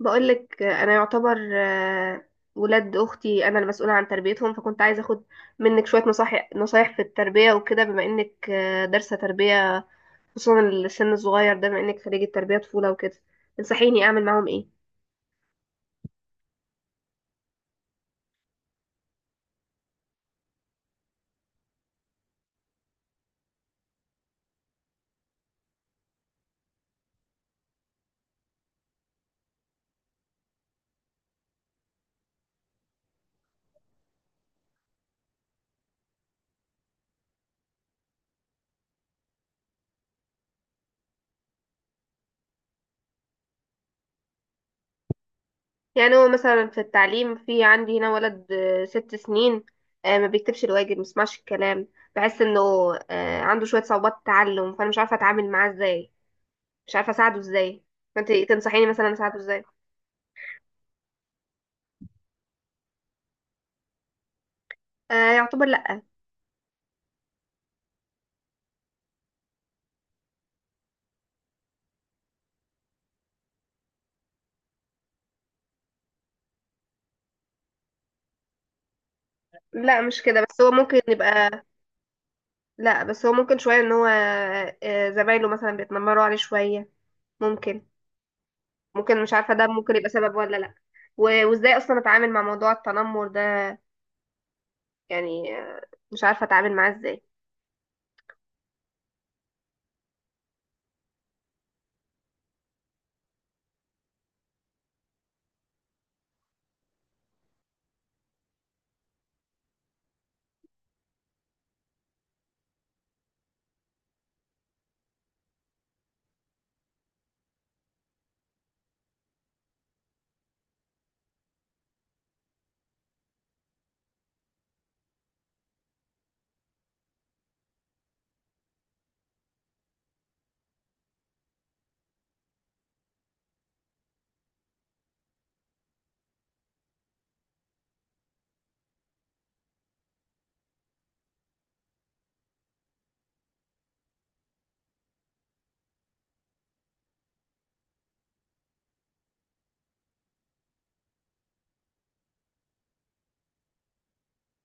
بقولك انا يعتبر ولاد اختي انا المسؤوله عن تربيتهم، فكنت عايزه اخد منك شويه نصايح، في التربيه وكده بما انك دارسه تربيه، خصوصا السن الصغير ده بما انك خريجه تربيه طفوله وكده. تنصحيني اعمل معاهم ايه؟ يعني هو مثلا في التعليم في عندي هنا ولد ست سنين، ما بيكتبش الواجب، ما بيسمعش الكلام. بحس انه عنده شويه صعوبات تعلم، فانا مش عارفه اتعامل معاه ازاي، مش عارفه اساعده ازاي. فانت تنصحيني مثلا اساعده ازاي؟ يعتبر لا. لا مش كده، بس هو ممكن يبقى. لا بس هو ممكن شوية ان هو زمايله مثلا بيتنمروا عليه شوية، ممكن. ممكن مش عارفة، ده ممكن يبقى سبب ولا لا؟ وازاي اصلا اتعامل مع موضوع التنمر ده؟ يعني مش عارفة اتعامل معاه ازاي.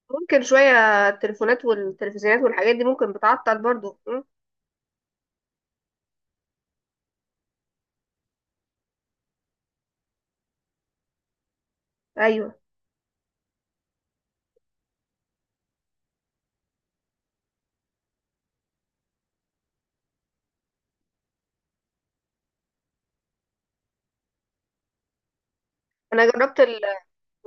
ممكن شوية التليفونات والتلفزيونات والحاجات دي ممكن بتعطل برضو؟ م? ايوه، انا جربت،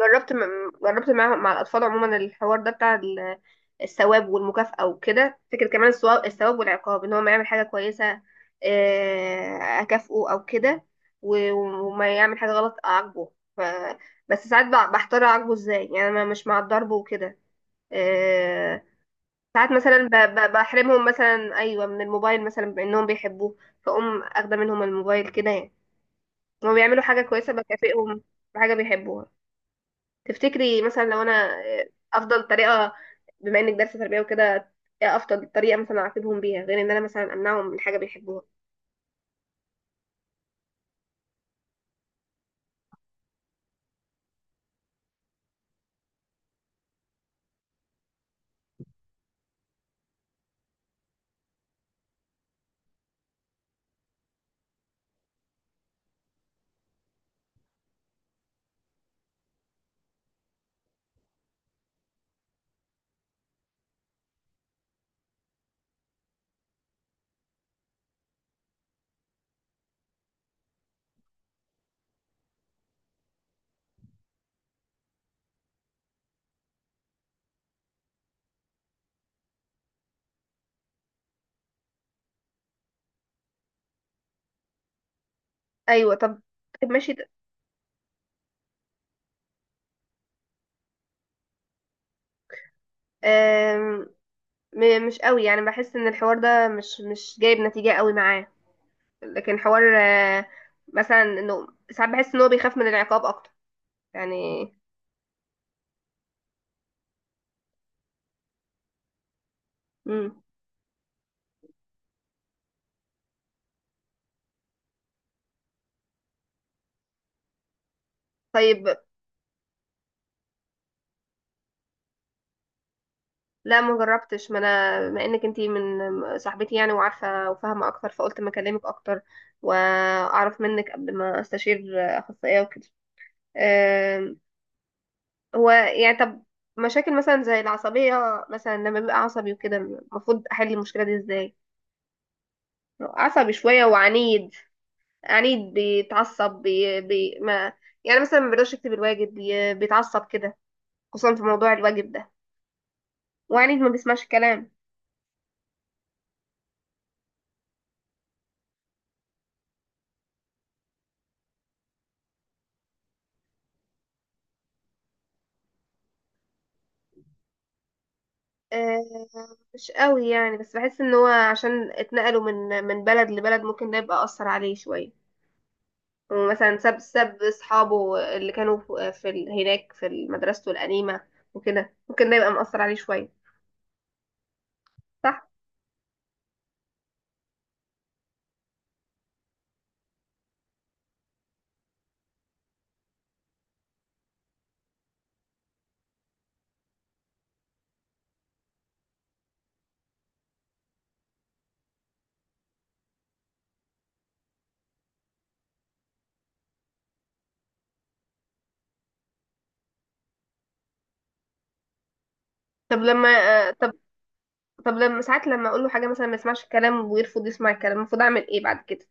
جربت مع الأطفال عموما الحوار ده بتاع الثواب والمكافأة وكده. فكرة كمان الثواب، والعقاب، إن هو ما يعمل حاجة كويسة أكافئه أو كده، وما يعمل حاجة غلط أعاقبه. ف... بس ساعات بحتار أعاقبه إزاي، يعني أنا مش مع الضرب وكده. آه، ساعات مثلا بحرمهم مثلا، أيوة، من الموبايل، مثلا بأنهم بيحبوه فأقوم أخده منهم الموبايل كده، يعني هما بيعملوا حاجة كويسة بكافئهم بحاجة بيحبوها. تفتكري مثلا لو انا افضل طريقه، بما انك دارسه تربيه وكده، ايه افضل طريقه مثلا اعاقبهم بيها، غير ان انا مثلا امنعهم من حاجه بيحبوها؟ ايوه، طب. طب ماشي ده. آم، مش قوي يعني، بحس ان الحوار ده مش جايب نتيجه قوي معاه، لكن حوار مثلا انه ساعات بحس ان هو بيخاف من العقاب اكتر يعني. مم. طيب. لا ما جربتش، ما انا بما انك انتي من صاحبتي يعني، وعارفه وفاهمه اكتر، فقلت ما اكلمك اكتر واعرف منك قبل ما استشير اخصائيه وكده. أم، هو يعني طب، مشاكل مثلا زي العصبيه، مثلا لما بيبقى عصبي وكده المفروض احل المشكله دي ازاي؟ عصبي شويه وعنيد، عنيد بيتعصب بي بي ما، يعني مثلا ما بيقدرش يكتب الواجب بيتعصب كده، خصوصا في موضوع الواجب ده، وعنيد ما بيسمعش الكلام. آه، مش قوي يعني، بس بحس ان هو عشان اتنقلوا من بلد لبلد، ممكن ده يبقى اثر عليه شويه. ومثلا ساب اصحابه اللي كانوا في هناك في مدرسته القديمه وكده، ممكن ده يبقى مأثر عليه شويه. صح. طب لما طب، طب لما ساعات، لما اقول له حاجه مثلا ما يسمعش الكلام ويرفض يسمع الكلام، المفروض اعمل ايه بعد كده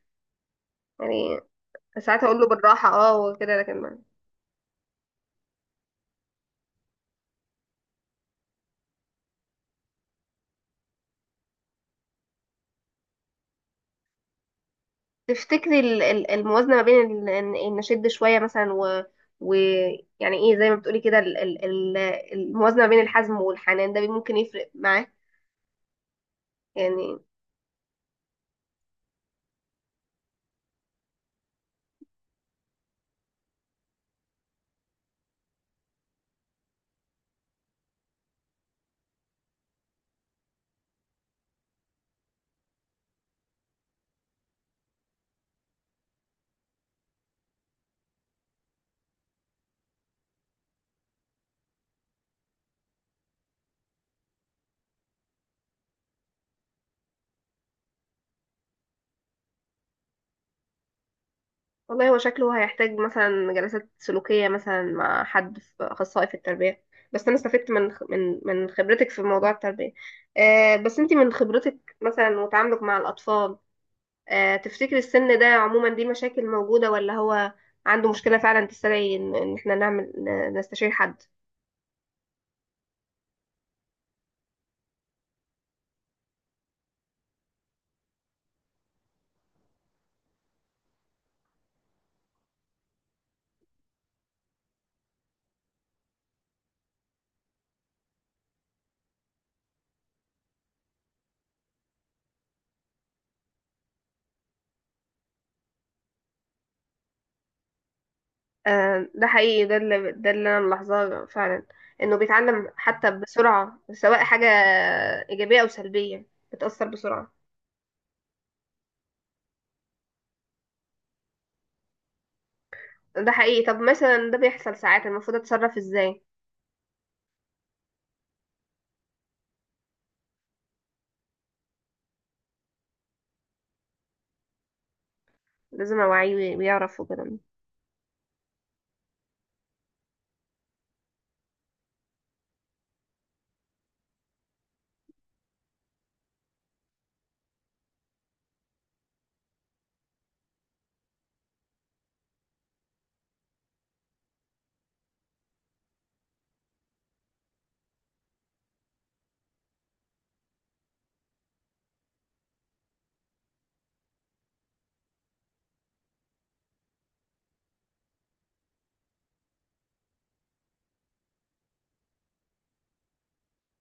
يعني؟ ساعات اقول له بالراحه، اه وكده، لكن تفتكري الموازنة ما بين ال- ان إن نشد شوية مثلا، و ويعني ايه زي ما بتقولي كده، الموازنة ما بين الحزم والحنان ده، ممكن يفرق معاه يعني؟ والله هو شكله هيحتاج مثلا جلسات سلوكية مثلا مع حد، في أخصائي في التربية، بس أنا استفدت من من خبرتك في موضوع التربية. بس أنت من خبرتك مثلا وتعاملك مع الأطفال، تفتكري السن ده عموما دي مشاكل موجودة، ولا هو عنده مشكلة فعلا تستدعي إن احنا نعمل نستشير حد؟ ده حقيقي، ده اللي انا ملاحظاه فعلا، انه بيتعلم حتى بسرعة سواء حاجة ايجابية او سلبية، بتأثر بسرعة. ده حقيقي. طب مثلا ده بيحصل ساعات، المفروض اتصرف ازاي؟ لازم اوعيه ويعرف وكده.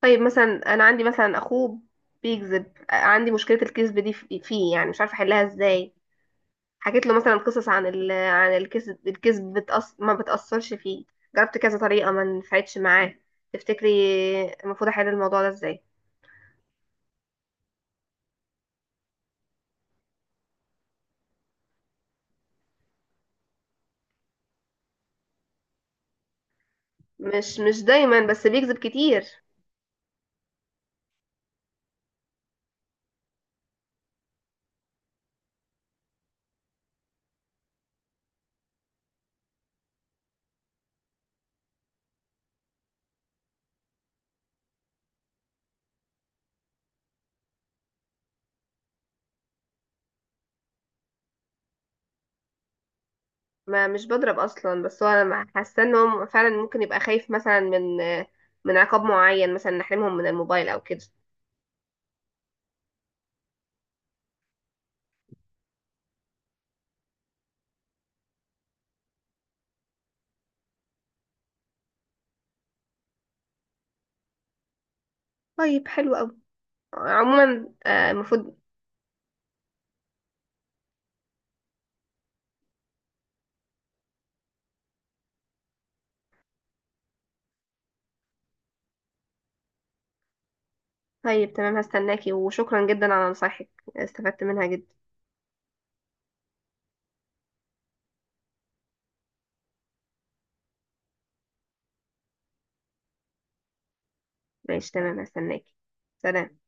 طيب مثلا انا عندي مثلا اخوه بيكذب، عندي مشكلة الكذب دي فيه، يعني مش عارفة احلها ازاي. حكيت له مثلا قصص عن الكذب، ما بتأثرش فيه. جربت كذا طريقة، ما نفعتش معاه. تفتكري المفروض احل الموضوع ده ازاي؟ مش دايما، بس بيكذب كتير. ما مش بضرب اصلا، بس هو انا حاسه ان هو فعلا ممكن يبقى خايف مثلا من عقاب معين، مثلا نحرمهم من الموبايل او كده. طيب حلو قوي، عموما المفروض. طيب تمام، هستناكي، وشكرا جدا على نصايحك، استفدت منها جدا. ماشي تمام، هستناكي. سلام.